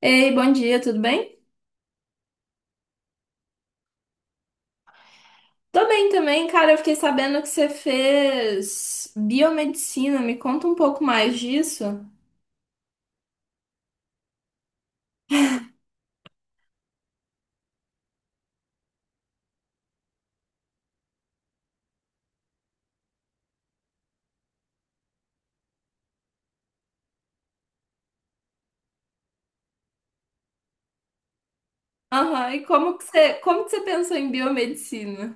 Ei, bom dia, tudo bem? Tô bem também, cara. Eu fiquei sabendo que você fez biomedicina. Me conta um pouco mais disso. Aham, e como que você pensou em biomedicina?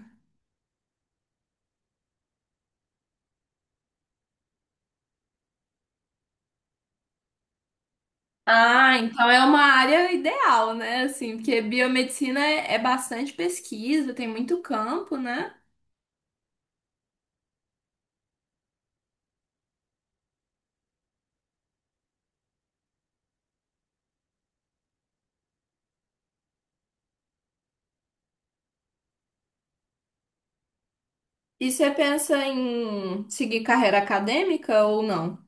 Ah, então é uma área ideal, né? Assim, porque biomedicina é bastante pesquisa, tem muito campo, né? E você pensa em seguir carreira acadêmica ou não?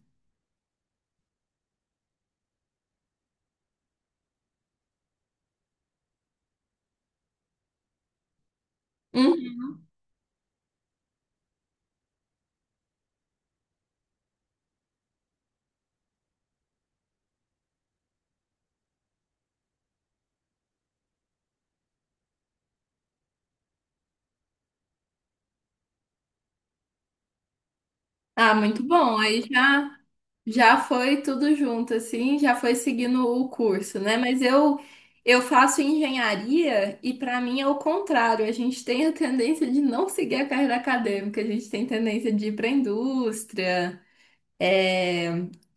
Ah, muito bom. Aí já foi tudo junto assim, já foi seguindo o curso, né? Mas eu faço engenharia e para mim é o contrário. A gente tem a tendência de não seguir a carreira acadêmica, a gente tem tendência de ir para a indústria, é,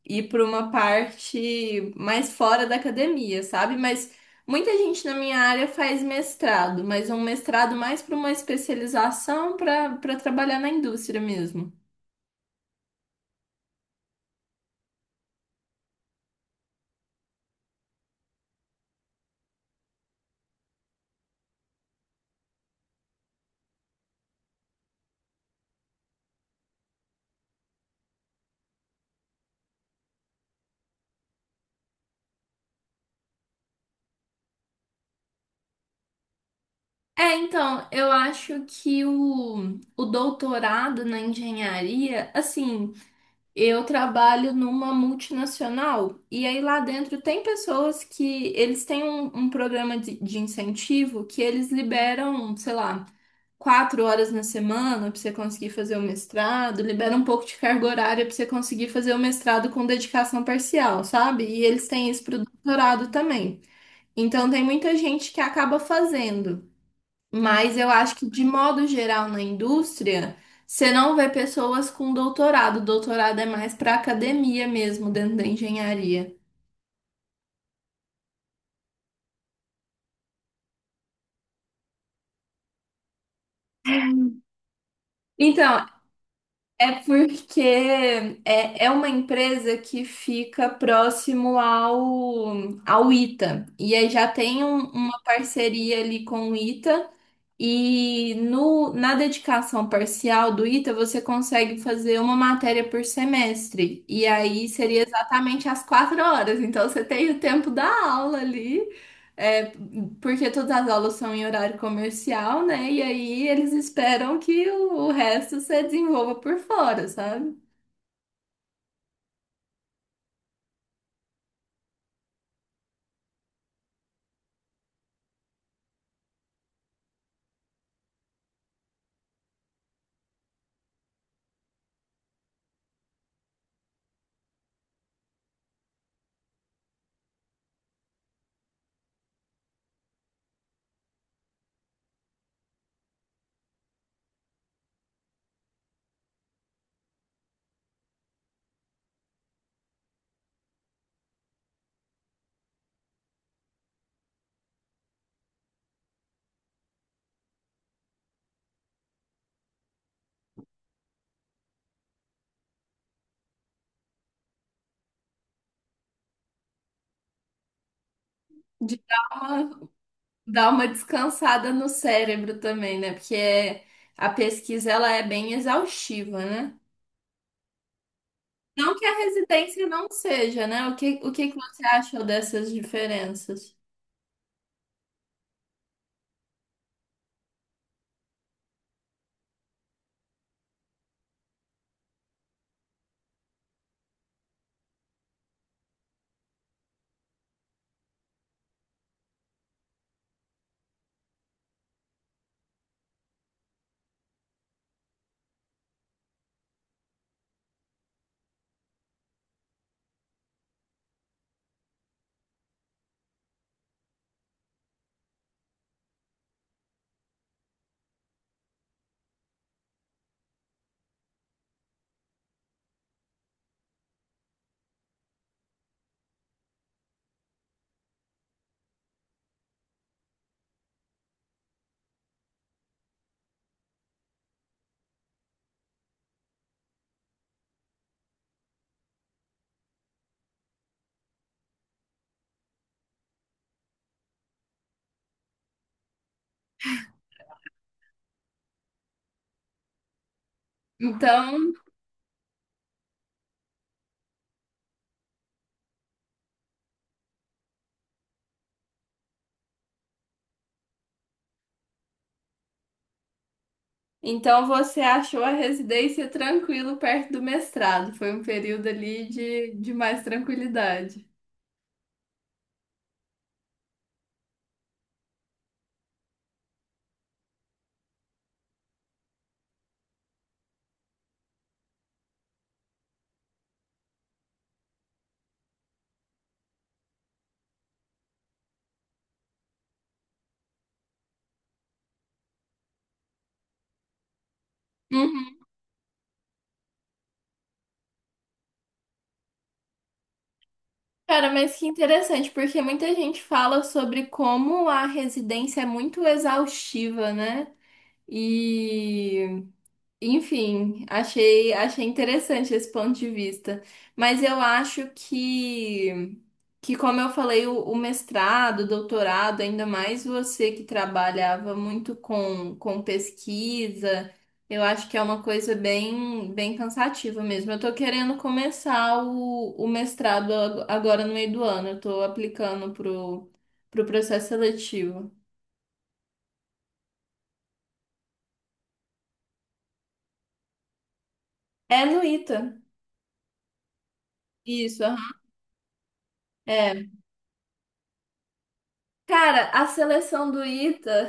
ir para uma parte mais fora da academia, sabe? Mas muita gente na minha área faz mestrado, mas um mestrado mais para uma especialização para trabalhar na indústria mesmo. É, então, eu acho que o doutorado na engenharia, assim, eu trabalho numa multinacional e aí lá dentro tem pessoas que eles têm um programa de incentivo que eles liberam, sei lá, 4 horas na semana pra você conseguir fazer o mestrado, libera um pouco de carga horária pra você conseguir fazer o mestrado com dedicação parcial, sabe? E eles têm isso pro doutorado também. Então tem muita gente que acaba fazendo. Mas eu acho que, de modo geral, na indústria, você não vê pessoas com doutorado. Doutorado é mais para academia mesmo, dentro da engenharia. Então, é porque é uma empresa que fica próximo ao ITA. E aí já tem uma parceria ali com o ITA. E no, na dedicação parcial do ITA, você consegue fazer uma matéria por semestre. E aí seria exatamente as 4 horas. Então você tem o tempo da aula ali, é, porque todas as aulas são em horário comercial, né? E aí eles esperam que o resto você desenvolva por fora, sabe? De dar uma descansada no cérebro também, né? A pesquisa ela é bem exaustiva, né? Não que a residência não seja, né? O que que você achou dessas diferenças? Então, então você achou a residência tranquilo perto do mestrado. Foi um período ali de mais tranquilidade. Uhum. Cara, mas que interessante, porque muita gente fala sobre como a residência é muito exaustiva, né? E, enfim, achei, achei interessante esse ponto de vista. Mas eu acho que, como eu falei, o mestrado, o doutorado, ainda mais você que trabalhava muito com pesquisa, eu acho que é uma coisa bem, bem cansativa mesmo. Eu tô querendo começar o mestrado agora no meio do ano, eu tô aplicando pro processo seletivo. É no ITA, isso, aham. É. Cara, a seleção do ITA.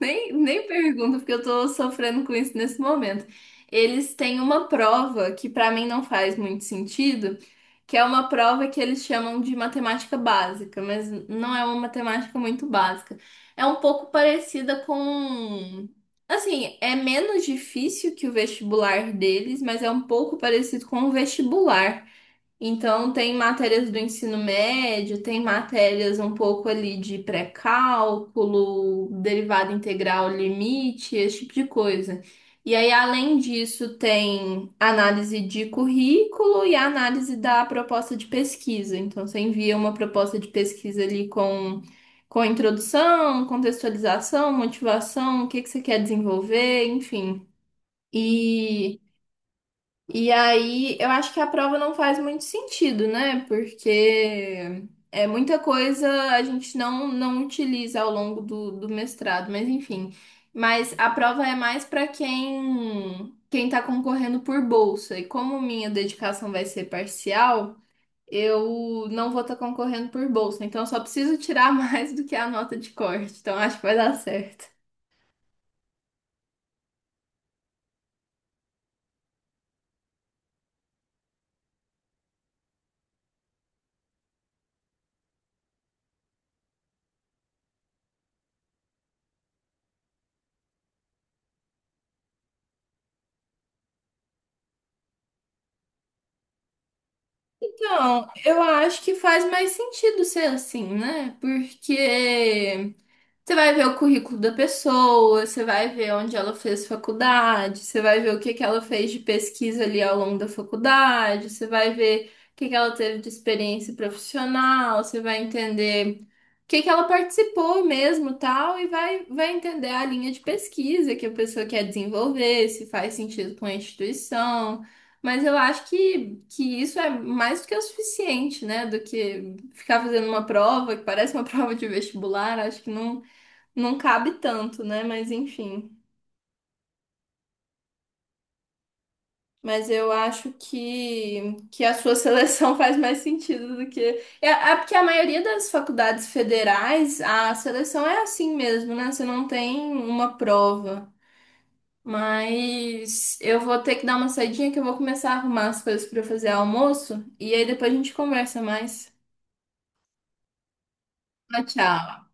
Nem, nem pergunto, porque eu tô sofrendo com isso nesse momento. Eles têm uma prova que pra mim não faz muito sentido, que é uma prova que eles chamam de matemática básica, mas não é uma matemática muito básica. É um pouco parecida com. Assim, é menos difícil que o vestibular deles, mas é um pouco parecido com o vestibular. Então, tem matérias do ensino médio, tem matérias um pouco ali de pré-cálculo, derivada integral, limite, esse tipo de coisa. E aí, além disso, tem análise de currículo e análise da proposta de pesquisa. Então, você envia uma proposta de pesquisa ali com introdução, contextualização, motivação, o que que você quer desenvolver, enfim. E. E aí, eu acho que a prova não faz muito sentido, né? Porque é muita coisa a gente não, não utiliza ao longo do mestrado, mas enfim. Mas a prova é mais para quem está concorrendo por bolsa. E como minha dedicação vai ser parcial, eu não vou estar concorrendo por bolsa. Então, eu só preciso tirar mais do que a nota de corte. Então, acho que vai dar certo. Então, eu acho que faz mais sentido ser assim, né? Porque você vai ver o currículo da pessoa, você vai ver onde ela fez faculdade, você vai ver o que que ela fez de pesquisa ali ao longo da faculdade, você vai ver o que que ela teve de experiência profissional, você vai entender o que que ela participou mesmo, tal, e vai, vai entender a linha de pesquisa que a pessoa quer desenvolver, se faz sentido com a instituição. Mas eu acho que isso é mais do que o suficiente, né? Do que ficar fazendo uma prova que parece uma prova de vestibular, acho que não não cabe tanto, né? Mas enfim. Mas eu acho que a sua seleção faz mais sentido do que. É, é porque a maioria das faculdades federais, a seleção é assim mesmo, né? Você não tem uma prova. Mas eu vou ter que dar uma saidinha que eu vou começar a arrumar as coisas para fazer almoço. E aí depois a gente conversa mais. Tchau, tchau.